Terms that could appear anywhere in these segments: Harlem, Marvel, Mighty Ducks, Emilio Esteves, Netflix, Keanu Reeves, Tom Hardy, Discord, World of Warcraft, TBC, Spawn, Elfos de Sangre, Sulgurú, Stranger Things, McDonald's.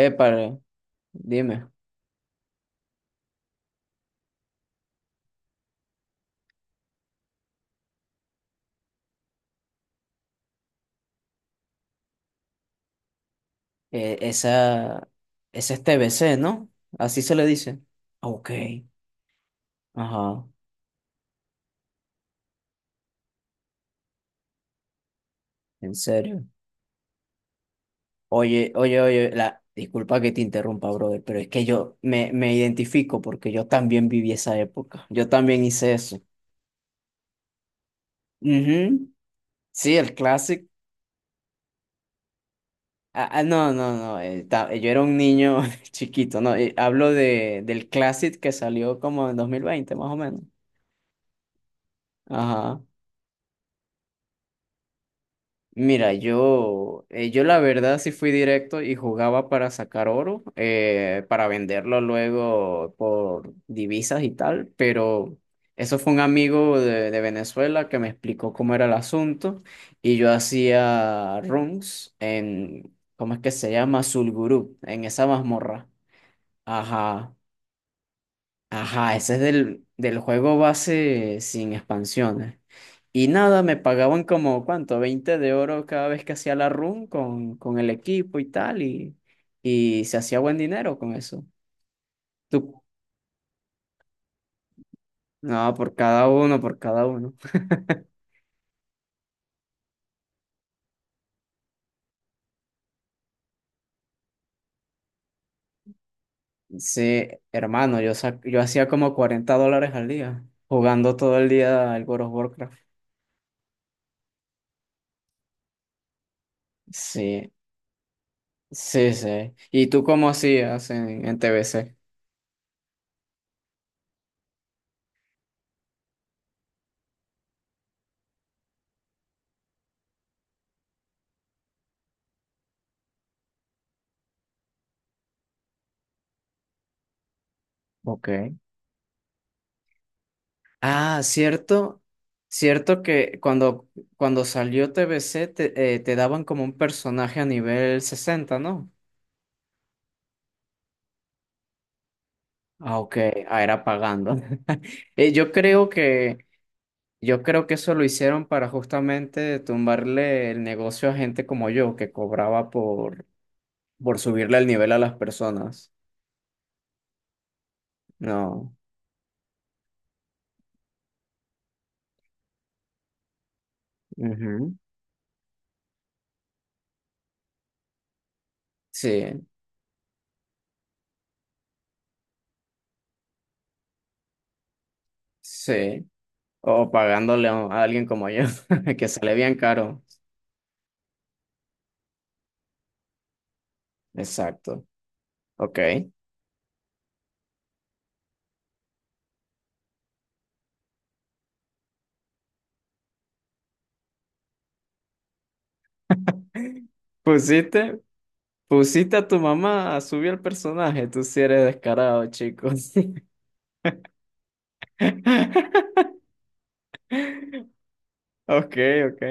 Epa, dime. eh, esa, esa es TBC, ¿no? Así se le dice. Ok, ajá, en serio. Oye, oye, oye, disculpa que te interrumpa, brother, pero es que me identifico porque yo también viví esa época. Yo también hice eso. Ujú. Sí, el clásico. No, no, no, yo era un niño chiquito. No, Hablo del Classic que salió como en 2020, más o menos. Ajá. Mira, yo la verdad sí fui directo y jugaba para sacar oro, para venderlo luego por divisas y tal. Pero eso fue un amigo de Venezuela que me explicó cómo era el asunto, y yo hacía runs en, ¿cómo es que se llama? Sulgurú, en esa mazmorra. Ajá. Ajá, ese es del juego base sin expansiones. Y nada, me pagaban como, ¿cuánto? 20 de oro cada vez que hacía la run con el equipo y tal, y se hacía buen dinero con eso. Tú, no, por cada uno, por cada uno. Sí, hermano, yo hacía como $40 al día, jugando todo el día al World of Warcraft. Sí, sí, sí. ¿Y tú cómo hacías en TBC? Ok. Ah, cierto, cierto que cuando salió TBC te daban como un personaje a nivel 60, ¿no? Ah, ok, ah, era pagando. Eh, yo creo que, yo creo que eso lo hicieron para justamente tumbarle el negocio a gente como yo, que cobraba por subirle el nivel a las personas. No. Ujú. Sí, sí. O pagándole a alguien como yo, que sale bien caro. Exacto. Ok. Pusiste, pusiste a tu mamá a subir el personaje. Tú sí eres descarado, chicos. Ok, ok.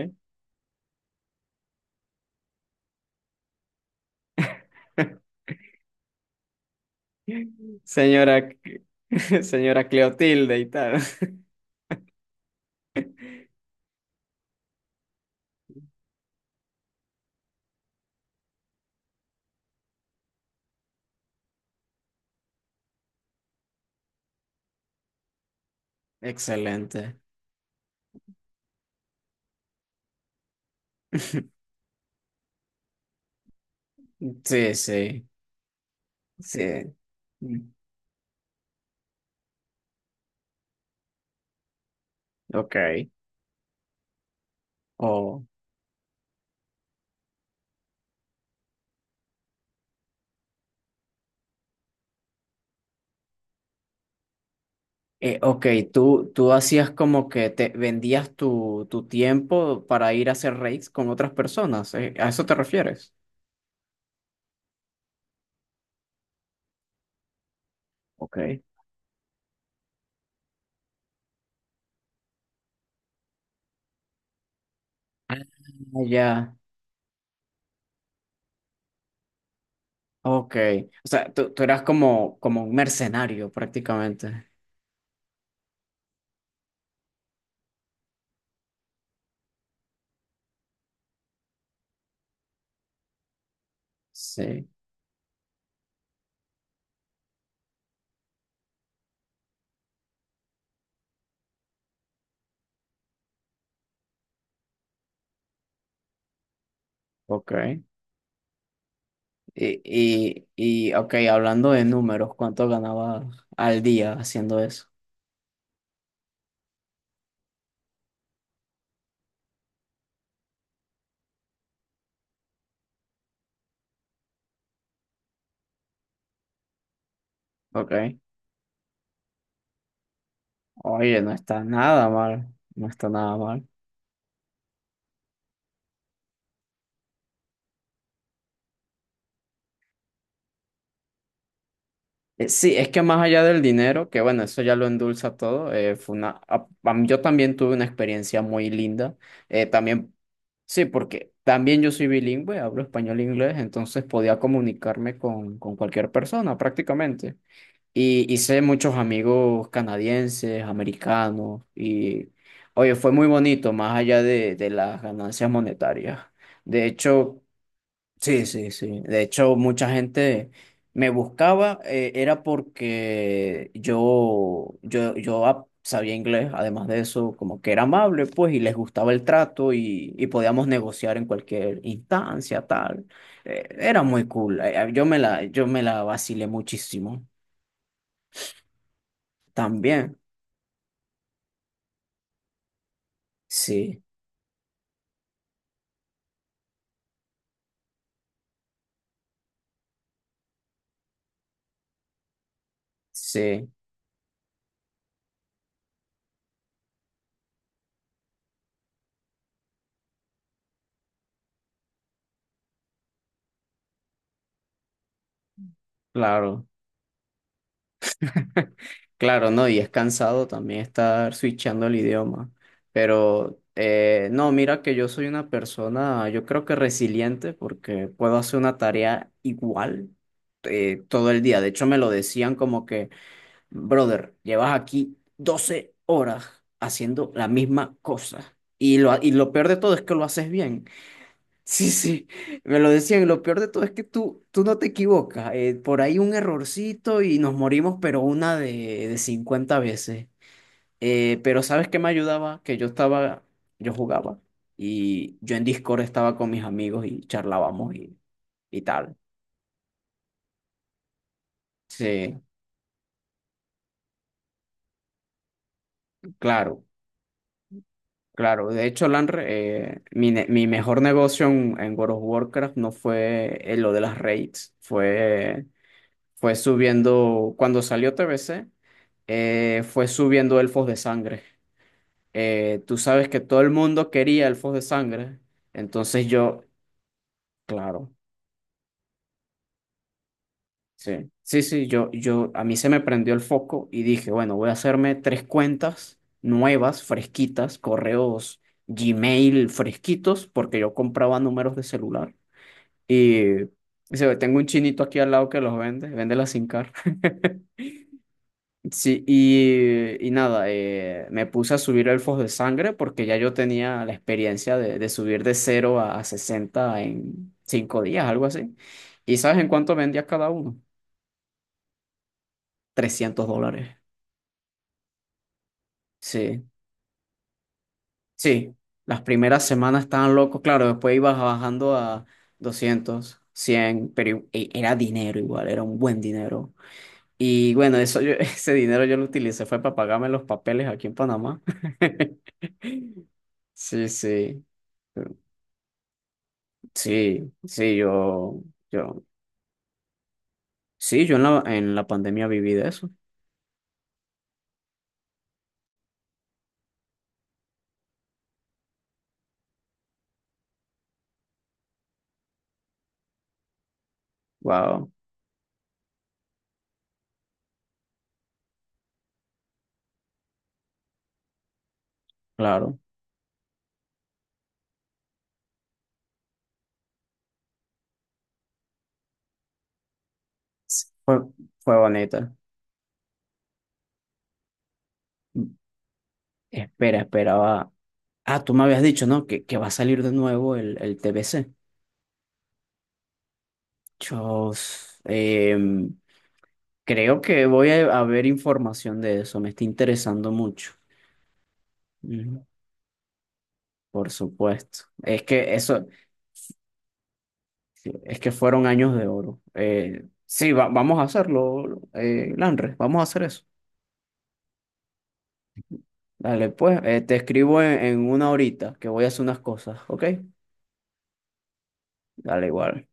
Señora, señora Cleotilde y tal. Excelente. Sí, sí, sí. Ok. Oh. Ok, tú, tú hacías como que te vendías tu tiempo para ir a hacer raids con otras personas. Eh, ¿a eso te refieres? Ok. Ah, ya. Ok, o sea, tú eras como, como un mercenario prácticamente. Sí, ok. Ok, hablando de números, ¿cuánto ganabas al día haciendo eso? Ok. Oye, no está nada mal, no está nada mal. Sí, es que más allá del dinero, que bueno, eso ya lo endulza todo. Eh, fue una, a- am- yo también tuve una experiencia muy linda, también, sí, porque también yo soy bilingüe, hablo español e inglés, entonces podía comunicarme con cualquier persona prácticamente. Y hice muchos amigos canadienses, americanos, y oye, fue muy bonito, más allá de las ganancias monetarias. De hecho, sí, sí, sí. De hecho, mucha gente me buscaba, era porque yo ap- sabía inglés, además de eso, como que era amable, pues, y les gustaba el trato y podíamos negociar en cualquier instancia, tal. Era muy cool. Yo me la vacilé muchísimo. También. Sí, sí, claro. Claro, no, y es cansado también estar switchando el idioma. Pero no, mira que yo soy una persona, yo creo que resiliente porque puedo hacer una tarea igual todo el día. De hecho, me lo decían como que, brother, llevas aquí 12 horas haciendo la misma cosa. Y y lo peor de todo es que lo haces bien. Sí, sí, me lo decían. Y lo peor de todo es que tú no te equivocas. Eh, por ahí un errorcito y nos morimos, pero una de 50 veces. Pero ¿sabes qué me ayudaba? Yo jugaba y yo en Discord estaba con mis amigos y charlábamos y tal. Sí, claro, claro. De hecho, Lanre, mi mejor negocio en World of Warcraft no fue lo de las raids, fue. Fue subiendo, cuando salió TBC, fue subiendo Elfos de Sangre. Tú sabes que todo el mundo quería Elfos de Sangre, entonces yo, claro, sí, sí, sí, a mí se me prendió el foco y dije, bueno, voy a hacerme tres cuentas nuevas, fresquitas, correos Gmail fresquitos, porque yo compraba números de celular y se ve, tengo un chinito aquí al lado que los vende, vende la SIM card. Sí, y nada, me puse a subir elfos de sangre porque ya yo tenía la experiencia de subir de 0 a 60 en 5 días, algo así. ¿Y sabes en cuánto vendía cada uno? $300. Sí, sí. Las primeras semanas estaban locos, claro, después ibas bajando a 200 cien, pero i- e, era dinero igual, era un buen dinero. Y bueno, eso yo- ese dinero yo lo utilicé fue para pagarme los papeles aquí en Panamá. Sí, sí, sí, sí, yo, sí, yo en la pandemia viví de eso. Wow, claro. S- fue, fue bonita. Espera, esperaba. Ah, tú me habías dicho, ¿no? Que va a salir de nuevo el TBC. Yo em, creo que voy a ver información de eso. Me está interesando mucho. Ujú. Por supuesto. Es que eso, es que fueron años de oro. Sí, va- vamos a hacerlo, Landre, vamos a hacer eso. Dale, pues, te escribo en una horita que voy a hacer unas cosas, ¿ok? Dale igual.